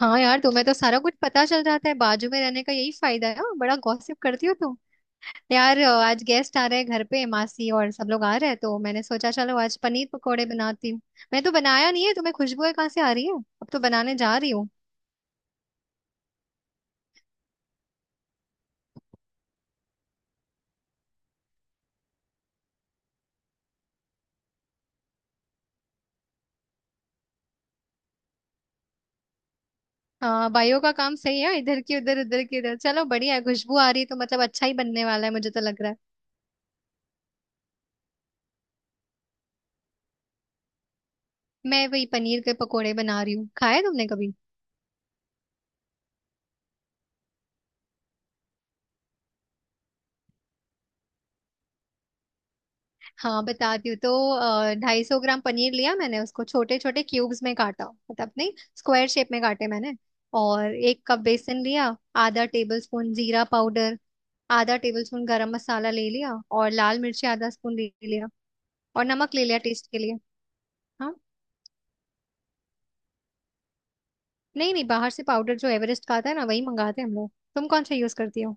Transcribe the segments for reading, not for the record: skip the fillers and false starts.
हाँ यार तुम्हें तो सारा कुछ पता चल जाता है, बाजू में रहने का यही फायदा है। हाँ, बड़ा गॉसिप करती हो तुम। यार आज गेस्ट आ रहे हैं घर पे, मासी और सब लोग आ रहे हैं तो मैंने सोचा चलो आज पनीर पकोड़े बनाती हूँ। मैं तो बनाया नहीं है, तुम्हें खुशबू है कहाँ से आ रही है? अब तो बनाने जा रही हूँ। हाँ, भाइयों का काम सही है, इधर की उधर उधर की उधर। चलो बढ़िया है, खुशबू आ रही है तो मतलब अच्छा ही बनने वाला है, मुझे तो लग रहा है। मैं वही पनीर के पकोड़े बना रही हूँ। खाए तुमने कभी? हाँ बताती हूँ तो। 250 ग्राम पनीर लिया, मैंने उसको छोटे छोटे क्यूब्स में काटा, मतलब नहीं, स्क्वायर शेप में काटे मैंने। और एक कप बेसन लिया, आधा टेबल स्पून जीरा पाउडर, आधा टेबल स्पून गरम मसाला ले लिया, और लाल मिर्ची आधा स्पून ले लिया, और नमक ले लिया टेस्ट के लिए। हाँ, नहीं नहीं, बाहर से पाउडर जो एवरेस्ट का आता है ना, वही मंगाते हैं हम लोग। तुम कौन सा यूज करती हो?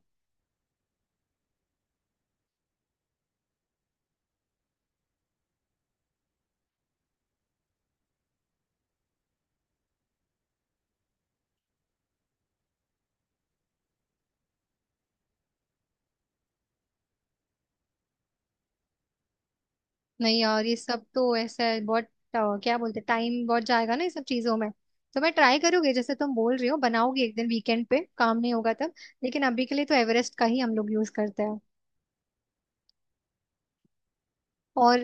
नहीं यार ये सब तो ऐसा है, बहुत क्या बोलते, टाइम बहुत जाएगा ना ये सब चीजों में। तो मैं ट्राई करूंगी जैसे तुम बोल रही हो, बनाओगी एक दिन वीकेंड पे, काम नहीं होगा तब। लेकिन अभी के लिए तो एवरेस्ट का ही हम लोग यूज करते हैं। और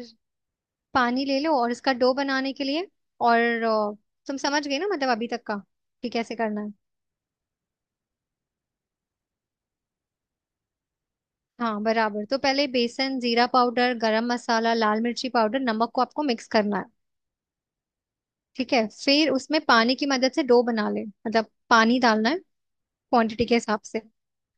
पानी ले लो और इसका डो बनाने के लिए। और तुम समझ गए ना मतलब अभी तक का, कि कैसे करना है? हाँ बराबर। तो पहले बेसन, जीरा पाउडर, गरम मसाला, लाल मिर्ची पाउडर, नमक को आपको मिक्स करना है। ठीक है, फिर उसमें पानी की मदद से डो बना ले, मतलब पानी डालना है क्वांटिटी के हिसाब से।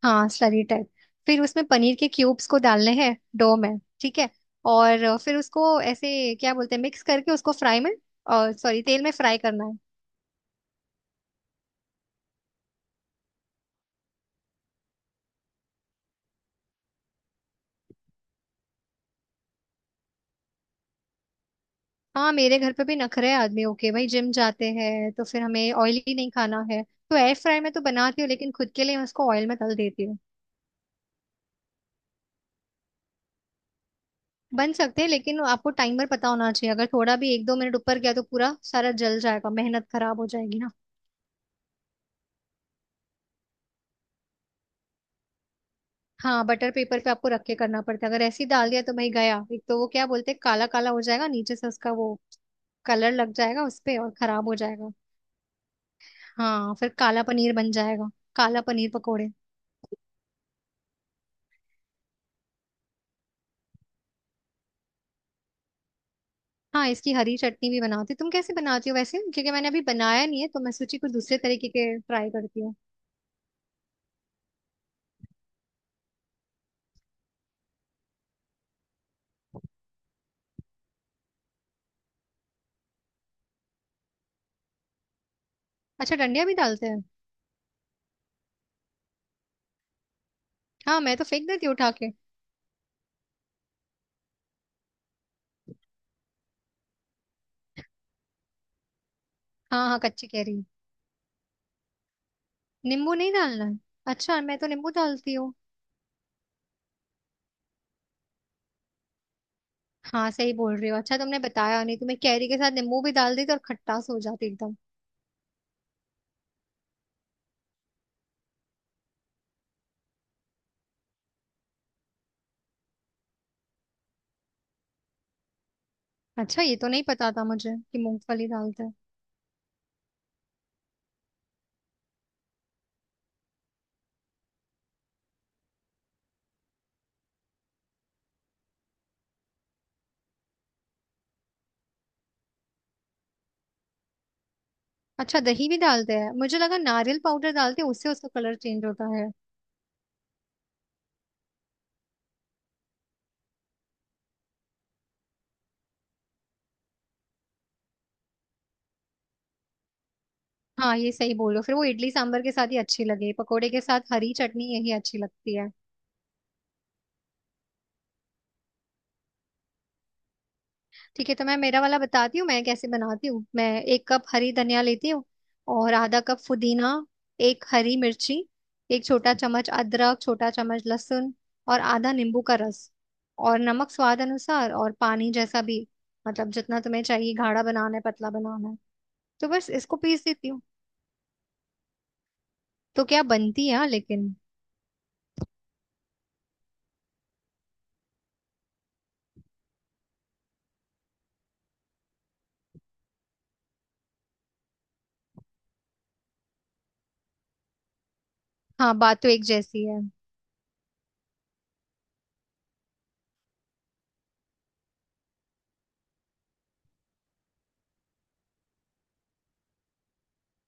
हाँ स्लरी टाइप। फिर उसमें पनीर के क्यूब्स को डालने हैं डो में, ठीक है। और फिर उसको ऐसे क्या बोलते हैं, मिक्स करके उसको फ्राई में, और सॉरी तेल में फ्राई करना है। हाँ, मेरे घर पे भी नखरे हैं आदमी। ओके भाई जिम जाते हैं तो फिर हमें ऑयली नहीं खाना है। तो एयर फ्राई में तो बनाती हूँ, लेकिन खुद के लिए मैं उसको ऑयल में तल देती हूँ। बन सकते हैं, लेकिन आपको टाइमर पता होना चाहिए, अगर थोड़ा भी एक दो मिनट ऊपर गया तो पूरा सारा जल जाएगा, मेहनत खराब हो जाएगी ना। हाँ, बटर पेपर पे आपको रख के करना पड़ता है, अगर ऐसे ही डाल दिया तो भाई गया। एक तो वो क्या बोलते हैं, काला काला हो जाएगा नीचे से, उसका वो कलर लग जाएगा उस पे और खराब हो जाएगा। हाँ फिर काला पनीर बन जाएगा। काला पनीर पकोड़े। हाँ इसकी हरी चटनी भी बनाती हूँ। तुम कैसे बनाती हो वैसे? क्योंकि मैंने अभी बनाया नहीं है तो मैं सोची कुछ दूसरे तरीके के ट्राई करती हूँ। अच्छा, डंडिया भी डालते हैं? हाँ मैं तो फेंक देती हूँ उठा के। हाँ हाँ कच्ची कह रही। नींबू नहीं डालना है? अच्छा मैं तो नींबू डालती हूँ। हाँ सही बोल रही हो। अच्छा तुमने बताया नहीं, तुम्हें कैरी के साथ नींबू भी डाल दी तो और खट्टास हो जाती एकदम। अच्छा, ये तो नहीं पता था मुझे कि मूंगफली डालते हैं। अच्छा, दही भी डालते हैं? मुझे लगा नारियल पाउडर डालते हैं उससे, उसका कलर चेंज होता है। हाँ ये सही बोलो, फिर वो इडली सांभर के साथ ही अच्छी लगे, पकोड़े के साथ हरी चटनी यही अच्छी लगती है। ठीक है तो मैं मेरा वाला बताती हूँ, मैं कैसे बनाती हूँ। मैं एक कप हरी धनिया लेती हूँ, और आधा कप पुदीना, एक हरी मिर्ची, एक छोटा चम्मच अदरक, छोटा चम्मच लहसुन, और आधा नींबू का रस, और नमक स्वाद अनुसार, और पानी जैसा भी। मतलब जितना तुम्हें चाहिए, गाढ़ा बनाना है पतला बनाना है। तो बस इसको पीस देती हूँ। तो क्या बनती है हाँ, लेकिन। हाँ, बात तो एक जैसी है।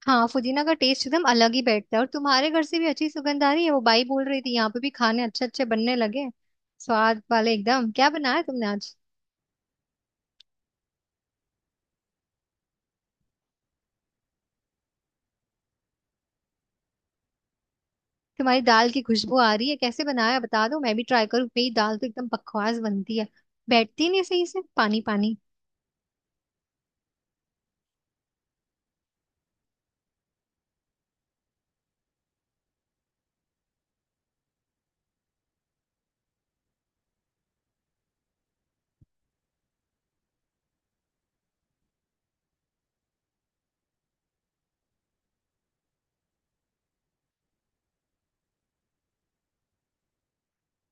हाँ पुदीना का टेस्ट एकदम अलग ही बैठता है। और तुम्हारे घर से भी अच्छी सुगंध आ रही है, वो बाई बोल रही थी यहाँ पे भी खाने अच्छे अच्छे बनने लगे हैं। स्वाद वाले एकदम। क्या बनाया तुमने आज? तुम्हारी दाल की खुशबू आ रही है, कैसे बनाया बता दो मैं भी ट्राई करूँ। मेरी दाल तो एकदम बकवास बनती है, बैठती नहीं सही से, पानी पानी।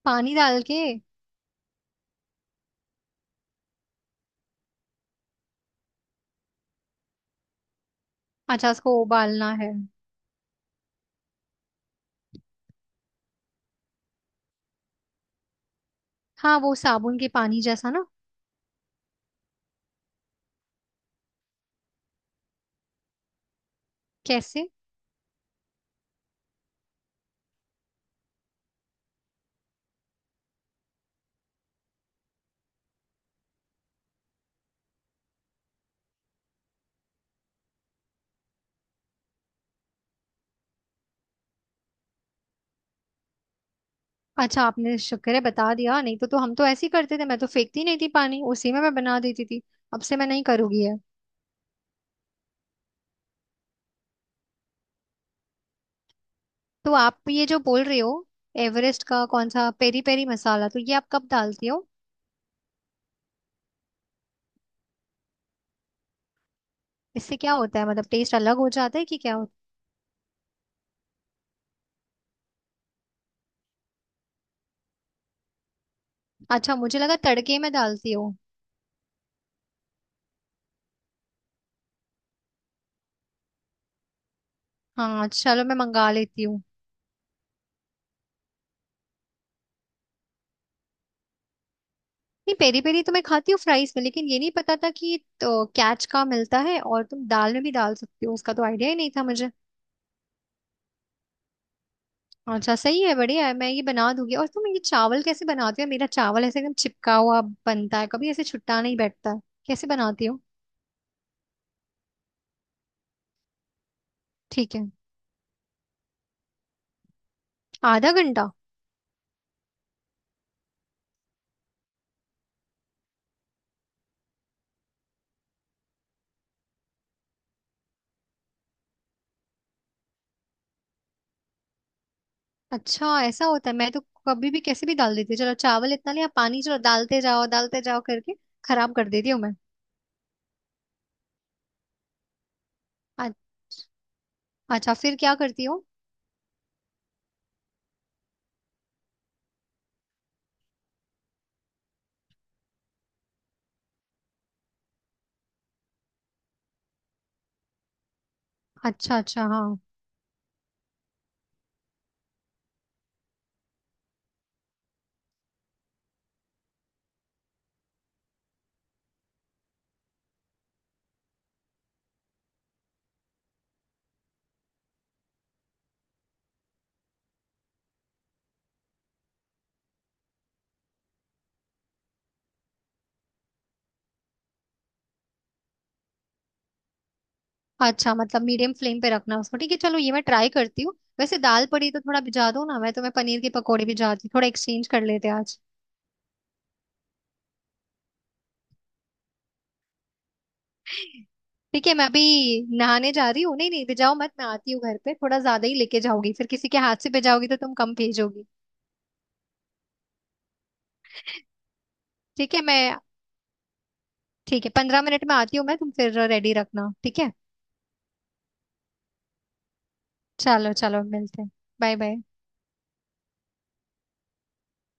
पानी डाल के? अच्छा उसको उबालना है। हाँ वो साबुन के पानी जैसा ना। कैसे? अच्छा आपने शुक्र है बता दिया, नहीं तो तो हम तो ऐसे ही करते थे, मैं तो फेंकती नहीं थी पानी, उसी में मैं बना देती थी। अब से मैं नहीं करूंगी ये। तो आप ये जो बोल रहे हो एवरेस्ट का कौन सा पेरी पेरी मसाला? तो ये आप कब डालती हो? इससे क्या होता है, मतलब टेस्ट अलग हो जाता है कि क्या होता है? अच्छा मुझे लगा तड़के में डालती हो। हाँ चलो मैं मंगा लेती हूँ। नहीं, पेरी पेरी तो मैं खाती हूँ फ्राइज में, लेकिन ये नहीं पता था कि तो कैच का मिलता है और तुम दाल में भी डाल सकती हो, उसका तो आइडिया ही नहीं था मुझे। अच्छा सही है बढ़िया है, मैं ये बना दूंगी। और तुम ये चावल कैसे बनाती हो? मेरा चावल ऐसे एकदम चिपका हुआ बनता है, कभी ऐसे छुट्टा नहीं बैठता है। कैसे बनाती हो? ठीक है। आधा घंटा? अच्छा ऐसा होता है, मैं तो कभी भी कैसे भी डाल देती हूँ, चलो चावल इतना लिया, पानी चलो डालते जाओ करके खराब कर देती हूँ मैं। अ- अच्छा फिर क्या करती हूँ? अच्छा अच्छा हाँ। अच्छा मतलब मीडियम फ्लेम पे रखना उसको, ठीक है चलो ये मैं ट्राई करती हूँ। वैसे दाल पड़ी तो थोड़ा भिजा दो ना, मैं तो मैं पनीर के पकौड़े भिजाती हूँ। थोड़ा एक्सचेंज कर लेते हैं आज। ठीक है मैं अभी नहाने जा रही हूँ। नहीं नहीं भिजाओ मत, मैं आती हूँ घर पे, थोड़ा ज्यादा ही लेके जाओगी, फिर किसी के हाथ से भिजाओगी तो तुम कम भेजोगी। ठीक है मैं। ठीक है 15 मिनट में आती हूँ मैं, तुम फिर रेडी रखना ठीक है? चलो चलो मिलते हैं। Bye bye.